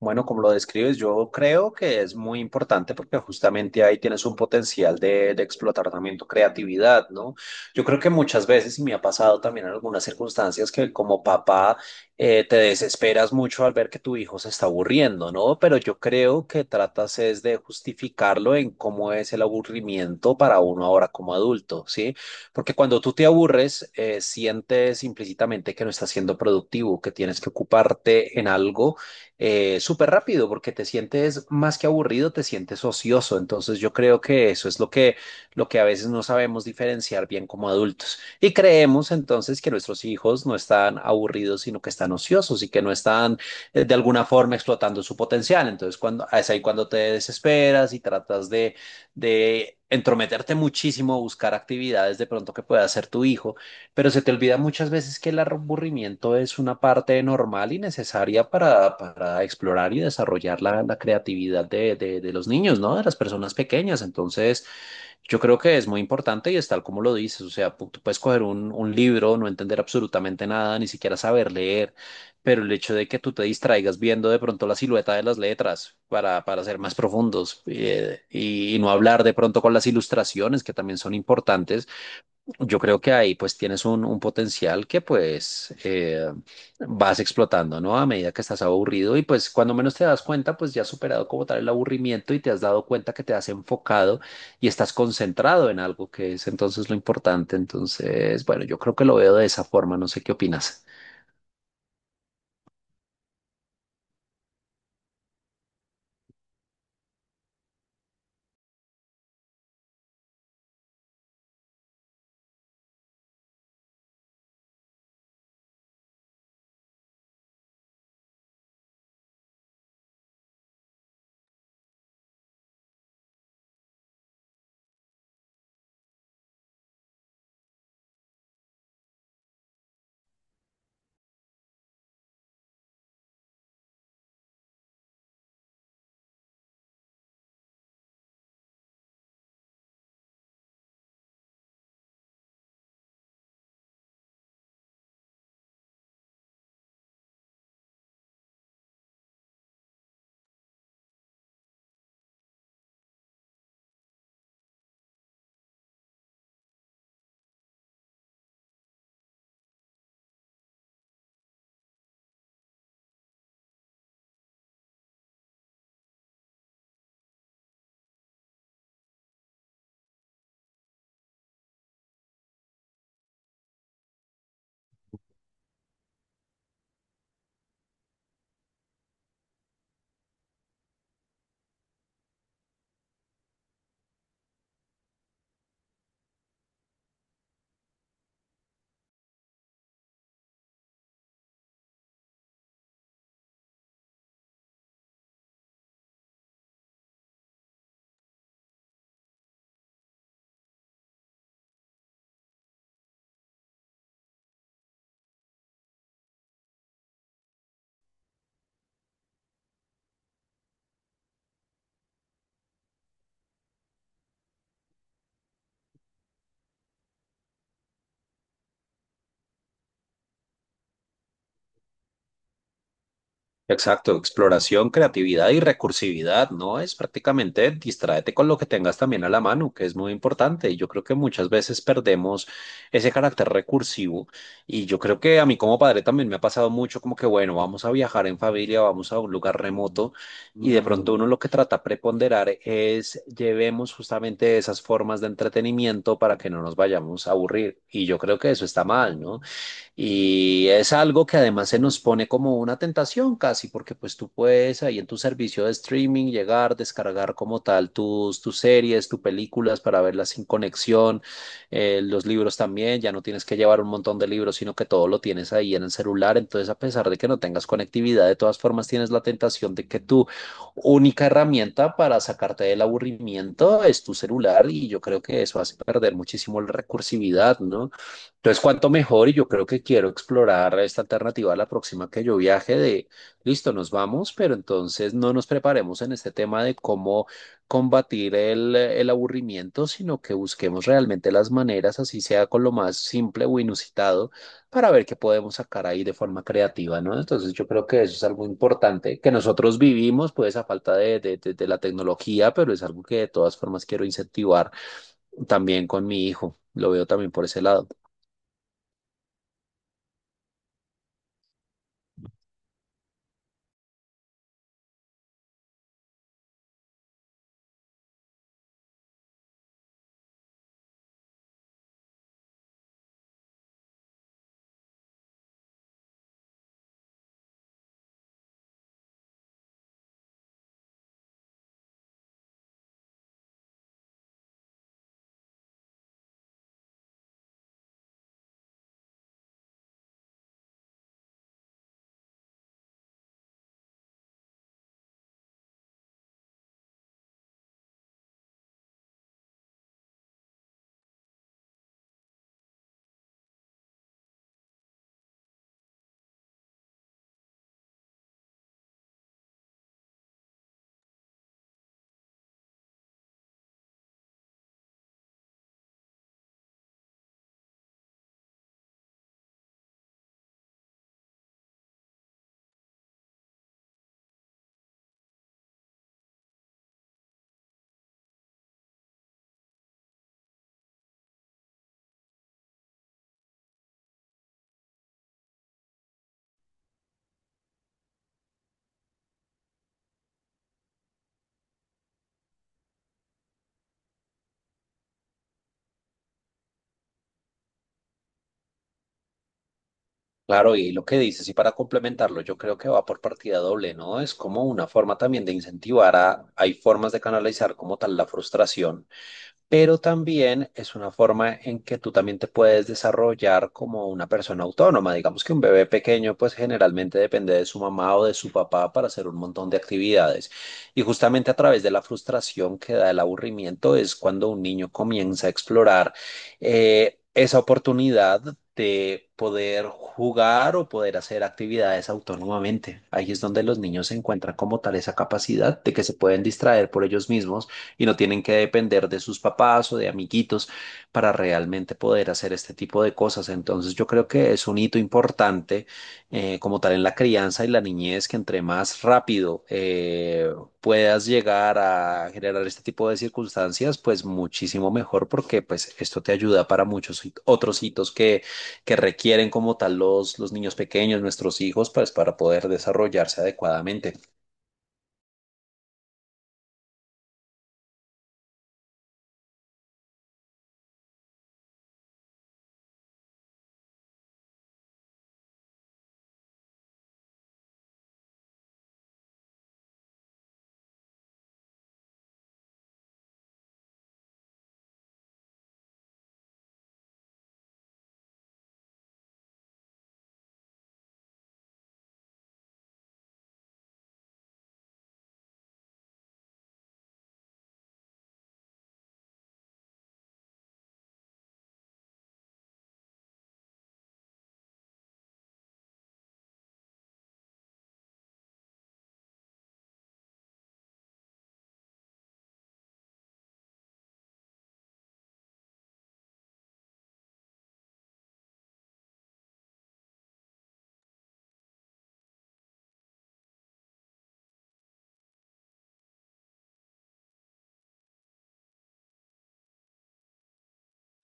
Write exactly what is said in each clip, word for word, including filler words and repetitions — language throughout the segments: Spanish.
Bueno, como lo describes, yo creo que es muy importante porque justamente ahí tienes un potencial de, de explotar también tu creatividad, ¿no? Yo creo que muchas veces, y me ha pasado también en algunas circunstancias, que como papá eh, te desesperas mucho al ver que tu hijo se está aburriendo, ¿no? Pero yo creo que tratas es de justificarlo en cómo es el aburrimiento para uno ahora como adulto, ¿sí? Porque cuando tú te aburres, eh, sientes implícitamente que no estás siendo productivo, que tienes que ocuparte en algo eh, súper rápido porque te sientes más que aburrido, te sientes ocioso. Entonces yo creo que eso es lo que, lo que a veces no sabemos diferenciar bien como adultos. Y creemos entonces que nuestros hijos no están aburridos, sino que están ociosos y que no están eh, de alguna forma explotando su potencial. Entonces cuando, es ahí cuando te desesperas y tratas de, de entrometerte muchísimo, buscar actividades de pronto que pueda hacer tu hijo, pero se te olvida muchas veces que el aburrimiento es una parte normal y necesaria para, para explorar y desarrollar la, la creatividad de, de- de los niños, ¿no? De las personas pequeñas. Entonces, yo creo que es muy importante y es tal como lo dices. O sea, pu- tú puedes coger un, un libro, no entender absolutamente nada, ni siquiera saber leer, pero el hecho de que tú te distraigas viendo de pronto la silueta de las letras para, para ser más profundos, eh, y y no hablar de pronto con las ilustraciones que también son importantes. Yo creo que ahí pues tienes un, un potencial que pues eh, vas explotando, ¿no? A medida que estás aburrido y pues cuando menos te das cuenta, pues ya has superado como tal el aburrimiento y te has dado cuenta que te has enfocado y estás concentrado en algo que es entonces lo importante. Entonces, bueno, yo creo que lo veo de esa forma, no sé qué opinas. Exacto, exploración, creatividad y recursividad, ¿no? Es prácticamente distráete con lo que tengas también a la mano, que es muy importante. Y yo creo que muchas veces perdemos ese carácter recursivo. Y yo creo que a mí como padre también me ha pasado mucho como que, bueno, vamos a viajar en familia, vamos a un lugar remoto. Y de pronto uno lo que trata de preponderar es llevemos justamente esas formas de entretenimiento para que no nos vayamos a aburrir. Y yo creo que eso está mal, ¿no? Y es algo que además se nos pone como una tentación casi, porque pues tú puedes ahí en tu servicio de streaming llegar, descargar como tal tus, tus series, tus películas para verlas sin conexión, eh, los libros también, ya no tienes que llevar un montón de libros, sino que todo lo tienes ahí en el celular. Entonces, a pesar de que no tengas conectividad, de todas formas tienes la tentación de que tu única herramienta para sacarte del aburrimiento es tu celular, y yo creo que eso hace perder muchísimo la recursividad, ¿no? Entonces, cuanto mejor, y yo creo que quiero explorar esta alternativa a la próxima que yo viaje, de listo, nos vamos, pero entonces no nos preparemos en este tema de cómo combatir el, el aburrimiento, sino que busquemos realmente las maneras, así sea con lo más simple o inusitado, para ver qué podemos sacar ahí de forma creativa, ¿no? Entonces, yo creo que eso es algo importante que nosotros vivimos, pues a falta de, de de- de la tecnología, pero es algo que de todas formas quiero incentivar también con mi hijo. Lo veo también por ese lado. Claro, y lo que dices, y para complementarlo, yo creo que va por partida doble, ¿no? Es como una forma también de incentivar a, hay formas de canalizar como tal la frustración, pero también es una forma en que tú también te puedes desarrollar como una persona autónoma. Digamos que un bebé pequeño pues generalmente depende de su mamá o de su papá para hacer un montón de actividades. Y justamente a través de la frustración que da el aburrimiento es cuando un niño comienza a explorar eh, esa oportunidad de poder jugar o poder hacer actividades autónomamente. Ahí es donde los niños encuentran como tal esa capacidad de que se pueden distraer por ellos mismos y no tienen que depender de sus papás o de amiguitos para realmente poder hacer este tipo de cosas. Entonces yo creo que es un hito importante eh, como tal en la crianza y la niñez, que entre más rápido eh, puedas llegar a generar este tipo de circunstancias, pues muchísimo mejor, porque pues esto te ayuda para muchos hit- otros hitos que, que requieren como tal los, los niños pequeños, nuestros hijos, pues para poder desarrollarse adecuadamente.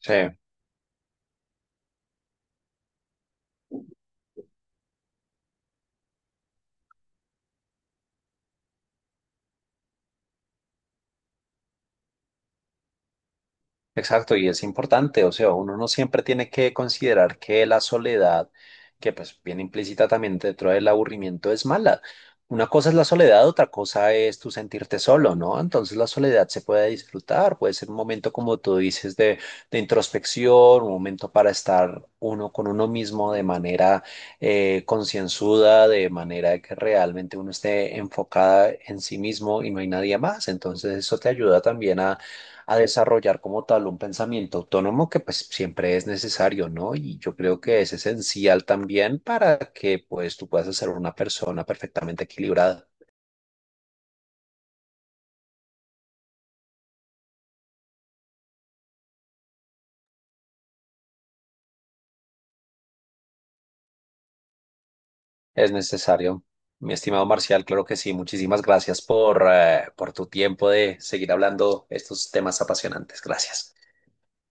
Sí. Exacto, y es importante, o sea, uno no siempre tiene que considerar que la soledad, que pues viene implícita también dentro del aburrimiento, es mala. Una cosa es la soledad, otra cosa es tu sentirte solo, ¿no? Entonces la soledad se puede disfrutar, puede ser un momento, como tú dices, de, de introspección, un momento para estar uno con uno mismo de manera eh, concienzuda, de manera que realmente uno esté enfocada en sí mismo y no hay nadie más. Entonces eso te ayuda también a a desarrollar como tal un pensamiento autónomo que pues siempre es necesario, ¿no? Y yo creo que es esencial también para que pues tú puedas ser una persona perfectamente equilibrada. Es necesario. Mi estimado Marcial, claro que sí. Muchísimas gracias por, eh, por tu tiempo de seguir hablando estos temas apasionantes. Gracias.